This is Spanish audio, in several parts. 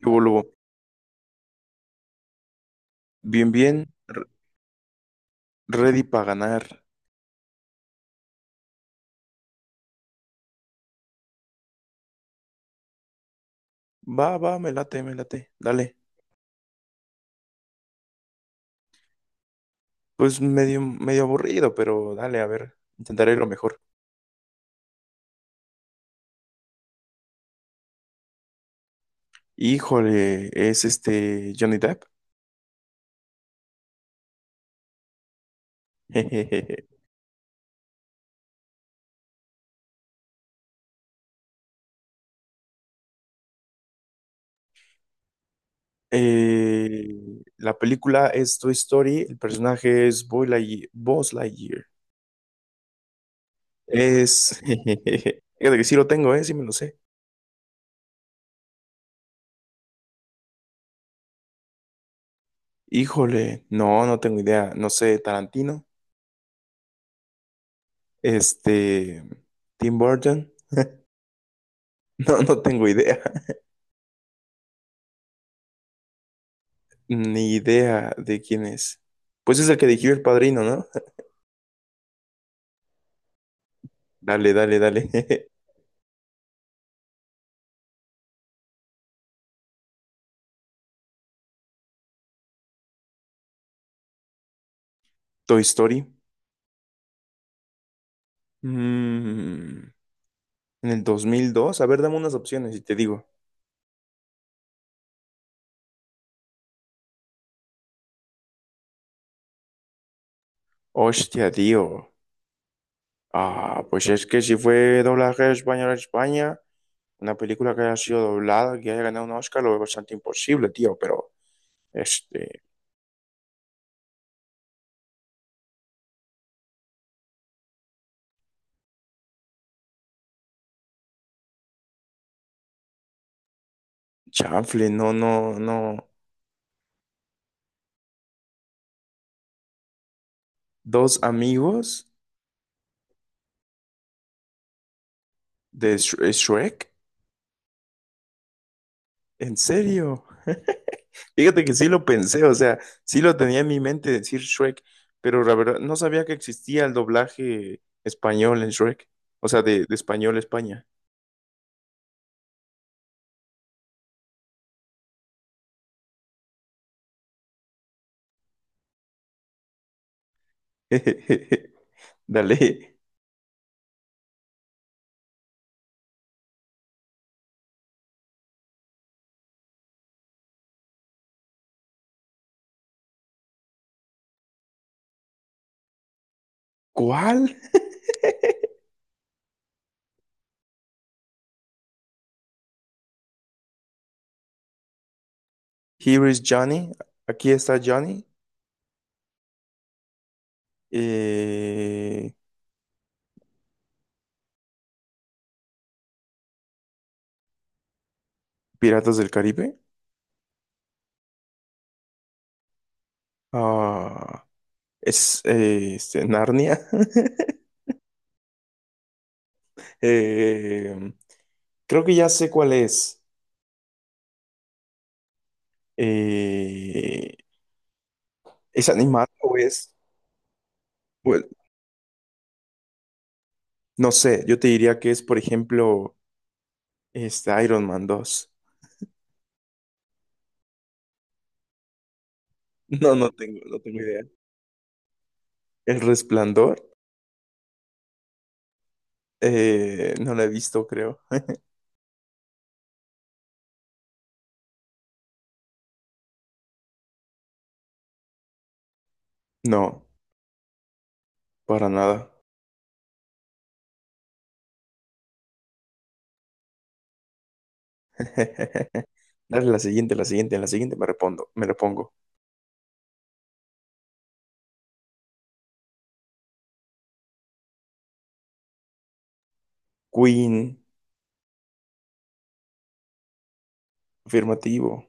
Luego, luego, bien, bien, ready para ganar. Va, va, me late, dale. Pues medio, medio aburrido, pero dale, a ver, intentaré lo mejor. Híjole, es este Johnny Depp. La película es Toy Story, el personaje es Buzz Lightyear. Jejeje. Fíjate que sí lo tengo, sí me lo sé. Híjole, no, no tengo idea, no sé, Tarantino, este, Tim Burton, no, no tengo idea. Ni idea de quién es. Pues es el que dirigió El Padrino, ¿no? Dale, dale, dale. Toy Story. Mm, en el 2002. A ver, dame unas opciones y te digo. Hostia, tío. Ah, pues es que si fue doblaje español a España, una película que haya sido doblada, que haya ganado un Oscar, lo veo bastante imposible, tío. Pero, este, chanfle, no, no, no. Dos amigos de Shrek. ¿En serio? Fíjate que sí lo pensé, o sea, sí lo tenía en mi mente decir Shrek, pero la verdad no sabía que existía el doblaje español en Shrek, o sea, de español a España. Dale. ¿Cuál? Here is Johnny. Aquí está Johnny. Eh, Piratas del Caribe. Ah, es Narnia. Eh, Creo que ya sé cuál es. Eh, ¿Es animado o es? Bueno, no sé, yo te diría que es, por ejemplo, Iron Man 2. No, no tengo, no tengo idea. El Resplandor, no la he visto, creo. No, para nada. Dale la siguiente, en la siguiente me repondo, me repongo. Queen, afirmativo.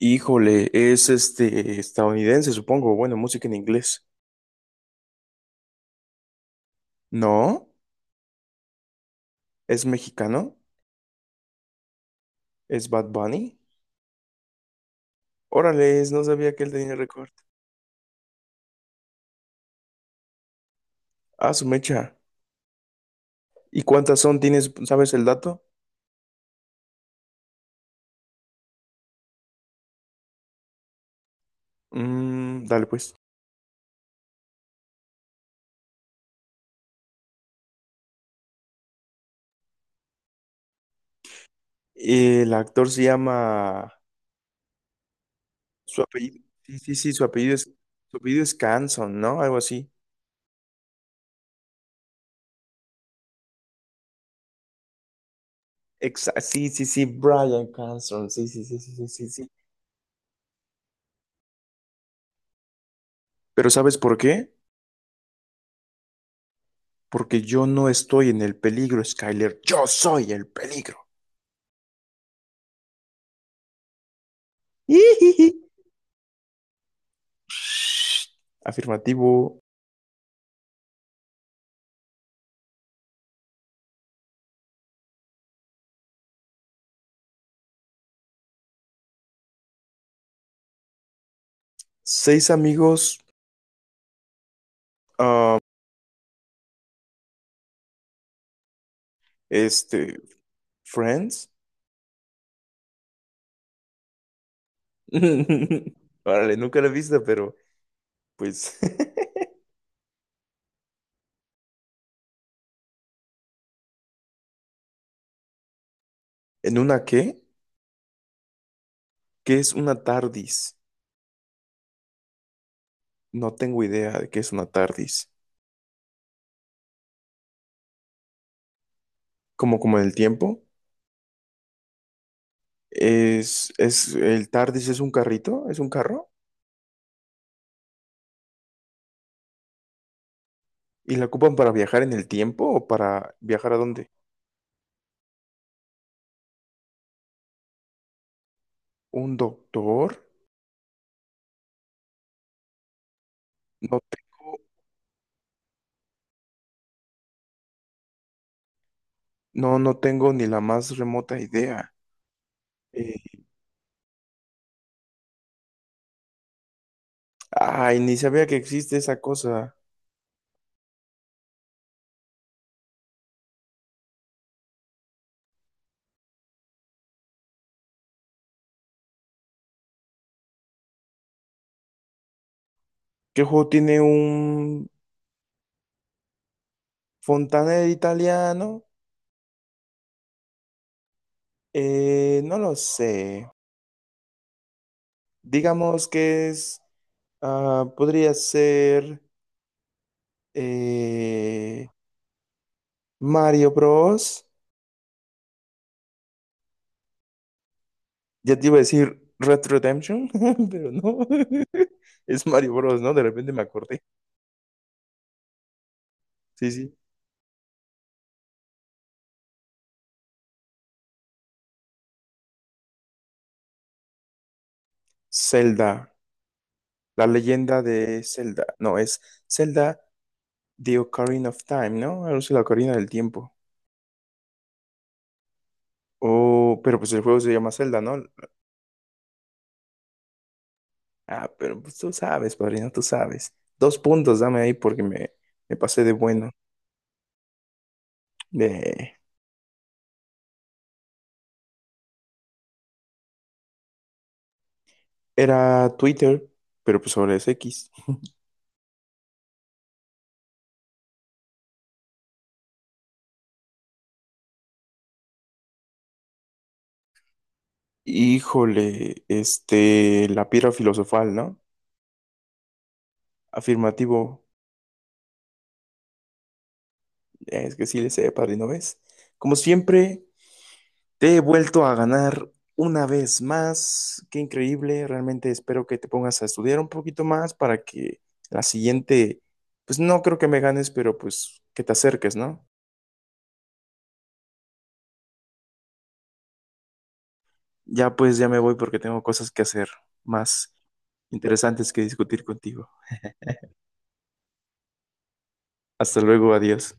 Híjole, es este estadounidense, supongo. Bueno, música en inglés. No, es mexicano, es Bad Bunny. Órale, no sabía que él tenía récord. Ah, su mecha. ¿Y cuántas son? ¿Tienes, sabes el dato? Dale pues. El actor se llama... Su apellido. Sí, sí, sí, su apellido es Canson, ¿no? Algo así. Sí, sí, sí, Brian Cranston. Sí, sí, sí, sí, sí, sí, sí. Pero ¿sabes por qué? Porque yo no estoy en el peligro, Skyler. Yo soy el peligro. Ijiji. Shh. Afirmativo. Seis amigos. ah, este. Friends. Órale, nunca la he visto, pero pues. ¿En una qué? ¿Qué es una TARDIS? No tengo idea de qué es una TARDIS. Como en el tiempo, es el TARDIS es un carrito, es un carro y la ocupan para viajar en el tiempo o para viajar a dónde? ¿Un doctor? No tengo no tengo ni la más remota idea. Eh, Ay, ni sabía que existe esa cosa. ¿Qué juego tiene un fontanero italiano? No lo sé. Digamos que es podría ser eh, Mario Bros. Ya te iba a decir Red Redemption, pero no. Es Mario Bros, ¿no? De repente me acordé. Sí, sí. Zelda, la leyenda de Zelda. No, es Zelda The Ocarina of Time, ¿no? Algo así, la Ocarina del Tiempo. Oh, pero pues el juego se llama Zelda, ¿no? Ah, pero pues tú sabes, padrino, tú sabes. 2 puntos, dame ahí porque me pasé de bueno. De... Era Twitter, pero pues ahora es X. Híjole, este, la piedra filosofal, ¿no? Afirmativo, es que sí le sé, padrino, ¿ves? Como siempre, te he vuelto a ganar una vez más. Qué increíble, realmente espero que te pongas a estudiar un poquito más para que la siguiente, pues no creo que me ganes, pero pues que te acerques, ¿no? Ya pues ya me voy porque tengo cosas que hacer más interesantes que discutir contigo. Hasta luego, adiós.